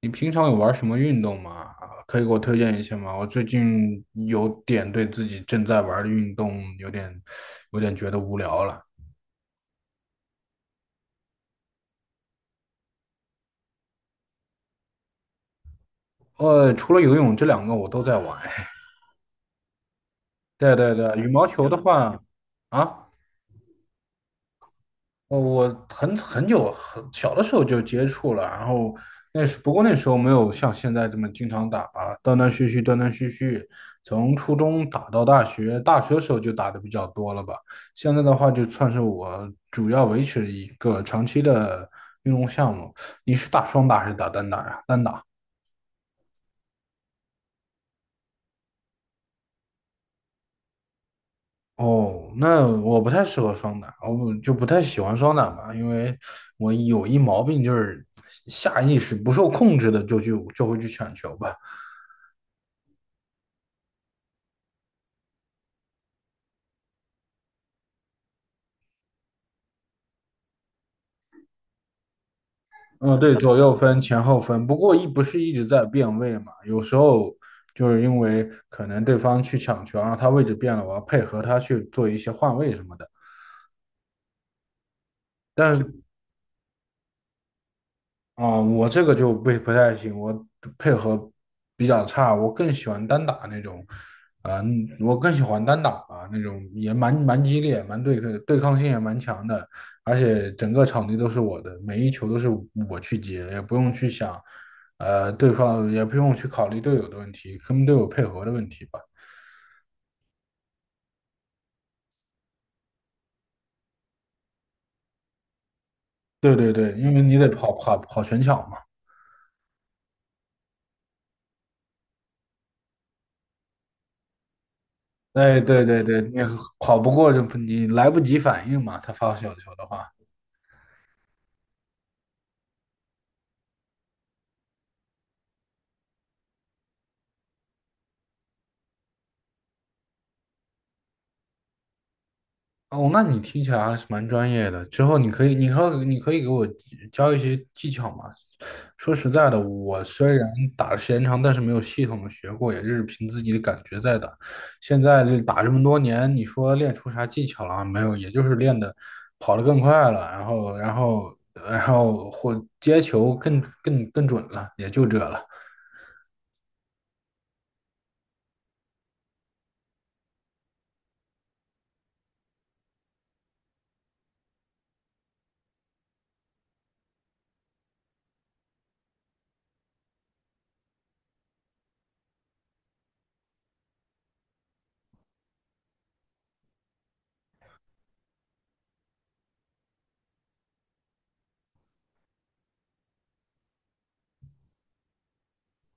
你平常有玩什么运动吗？可以给我推荐一下吗？我最近有点对自己正在玩的运动有点觉得无聊了。除了游泳这两个我都在玩。对对对，羽毛球的话，啊。我很小的时候就接触了，然后不过那时候没有像现在这么经常打吧，断断续续，断断续续，从初中打到大学，大学的时候就打的比较多了吧。现在的话，就算是我主要维持一个长期的运动项目。你是打双打还是打单打呀？单打。哦，那我不太适合双打，我不就不太喜欢双打吧，因为我有一毛病，就是下意识不受控制的就会去抢球吧。嗯，对，左右分、前后分，不过不是一直在变位嘛，有时候就是因为可能对方去抢球，然后他位置变了，我要配合他去做一些换位什么的。但是我这个就不太行，我配合比较差，我更喜欢单打那种，啊、我更喜欢单打吧，那种也蛮激烈，蛮对抗对抗性也蛮强的，而且整个场地都是我的，每一球都是我去接，也不用去想，对方也不用去考虑队友的问题，跟队友配合的问题吧。对对对，因为你得跑全场嘛，哎，对对对，你跑不过就你来不及反应嘛，他发小球的话。哦，那你听起来还是蛮专业的。之后你可以给我教一些技巧吗？说实在的，我虽然打的时间长，但是没有系统的学过，也就是凭自己的感觉在打。现在这打这么多年，你说练出啥技巧了啊没有，也就是练的跑得更快了，然后或接球更准了，也就这了。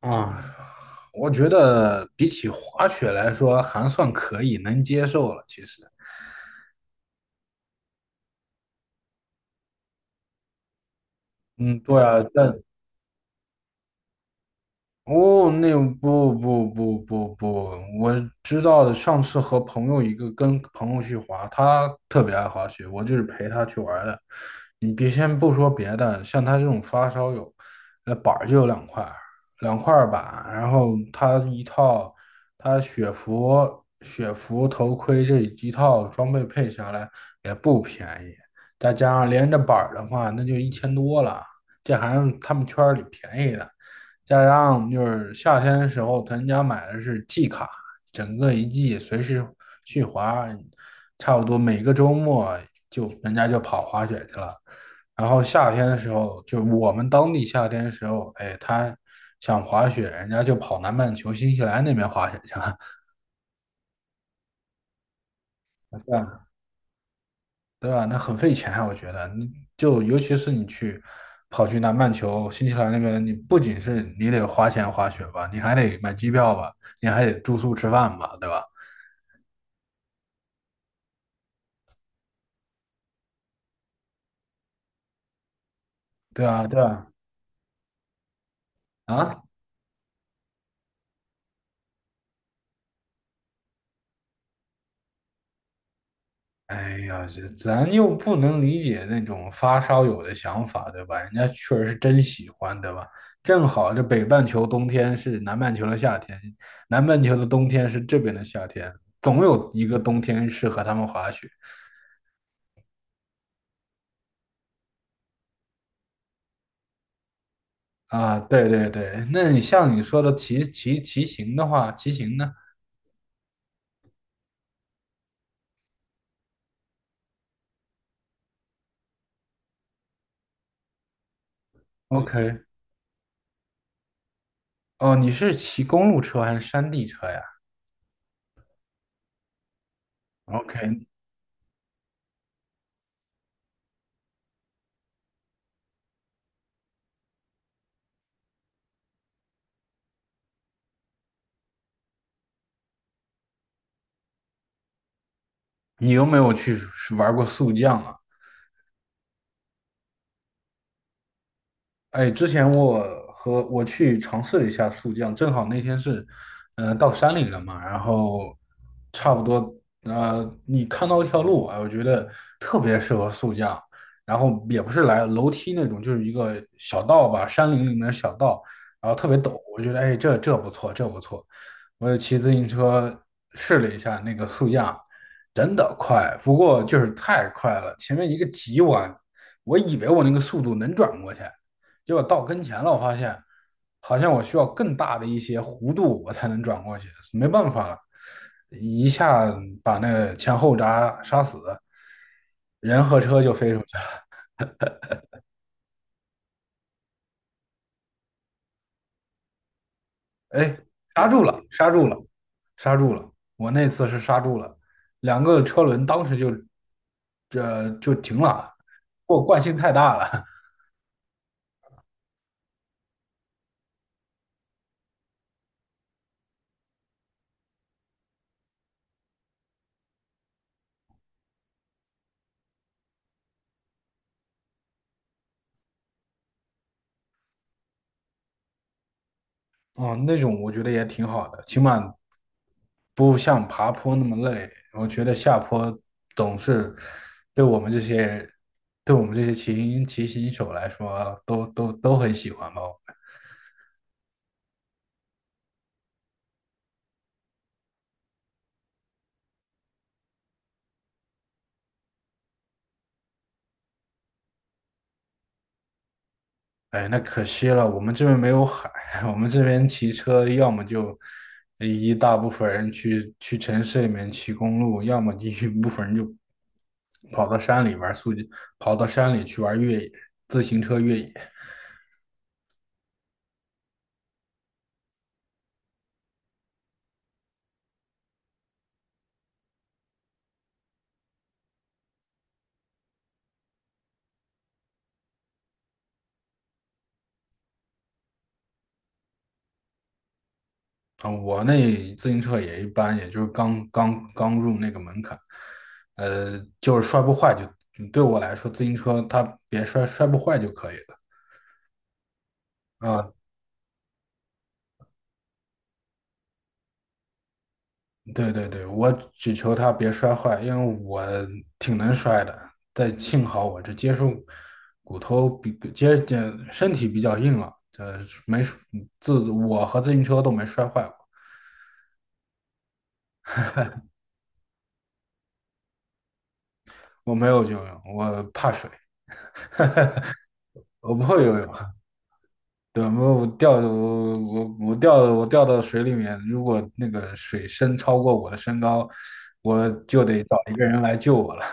啊，我觉得比起滑雪来说，还算可以，能接受了。其实，嗯，对啊，但哦，那不不不不不，我知道的。上次和朋友一个跟朋友去滑，他特别爱滑雪，我就是陪他去玩儿的。你别先不说别的，像他这种发烧友，那板儿就有两块儿，两块儿板，然后他一套，他雪服、头盔这一套装备配下来也不便宜，再加上连着板儿的话，那就1000多了，这还是他们圈儿里便宜的。再加上就是夏天的时候，咱家买的是季卡，整个一季随时去滑，差不多每个周末人家就跑滑雪去了。然后夏天的时候，就我们当地夏天的时候，哎，他想滑雪，人家就跑南半球新西兰那边滑雪去了。对吧？那很费钱啊我觉得，你就尤其是跑去南半球、新西兰那边，你不仅是你得花钱滑雪吧，你还得买机票吧，你还得住宿吃饭吧，对吧？对啊，对啊，啊，哎呀，这咱又不能理解那种发烧友的想法，对吧？人家确实是真喜欢，对吧？正好这北半球冬天是南半球的夏天，南半球的冬天是这边的夏天，总有一个冬天适合他们滑雪。啊，对对对，那你像你说的骑行的话，骑行呢？ O K。 哦，你是骑公路车还是山地车呀？OK，你有没有去玩过速降啊？哎，之前我去尝试了一下速降，正好那天是，到山里了嘛，然后差不多，你看到一条路，啊，我觉得特别适合速降，然后也不是来楼梯那种，就是一个小道吧，山林里面的小道，然后特别陡，我觉得哎，这不错，这不错，我就骑自行车试了一下那个速降，真的快，不过就是太快了，前面一个急弯，我以为我那个速度能转过去。结果到跟前了，我发现好像我需要更大的一些弧度，我才能转过去，没办法了，一下把那前后闸刹死，人和车就飞出去了。哎，刹住了，刹住了，刹住了！我那次是刹住了，两个车轮当时这就停了，我惯性太大了。哦，那种我觉得也挺好的，起码不像爬坡那么累。我觉得下坡总是对我们这些对我们这些骑行手来说，都很喜欢吧。哎，那可惜了，我们这边没有海，我们这边骑车要么就一大部分人去城市里面骑公路，要么一部分人就跑到山里玩儿速，跑到山里去玩越野自行车越野。啊，我那自行车也一般，也就是刚入那个门槛，就是摔不坏就对我来说，自行车它别摔摔不坏就可以了。啊，对对对，我只求它别摔坏，因为我挺能摔的，但幸好我这接触骨头比接这身体比较硬了，呃，没自我和自行车都没摔坏过，我没有游泳，我怕水，我不会游泳。对，我掉到水里面，如果那个水深超过我的身高，我就得找一个人来救我了。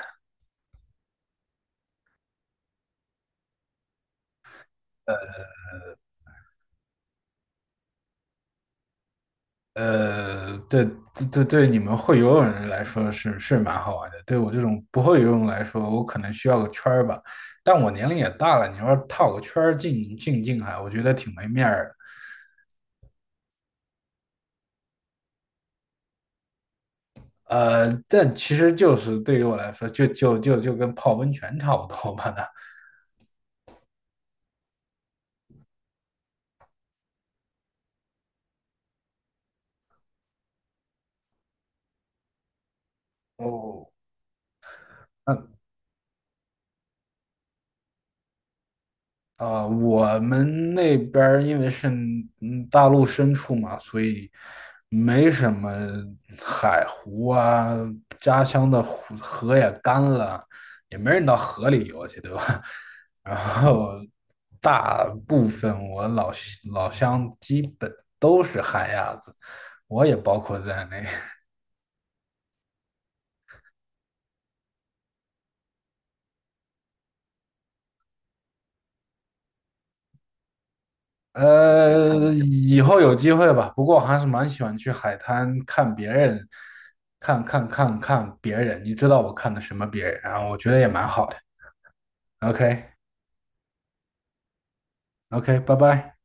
对对对，对你们会游泳的人来说是蛮好玩的，对我这种不会游泳来说，我可能需要个圈儿吧。但我年龄也大了，你说套个圈儿进近海，我觉得挺没面儿的。但其实就是对于我来说，就跟泡温泉差不多吧那。哦，我们那边儿因为是大陆深处嘛，所以没什么海湖啊，家乡的湖河也干了，也没人到河里游去，对吧？然后大部分我老乡基本都是旱鸭子，我也包括在内。以后有机会吧。不过我还是蛮喜欢去海滩看别人，看看别人。你知道我看的什么别人啊？我觉得也蛮好的。OK OK，拜拜。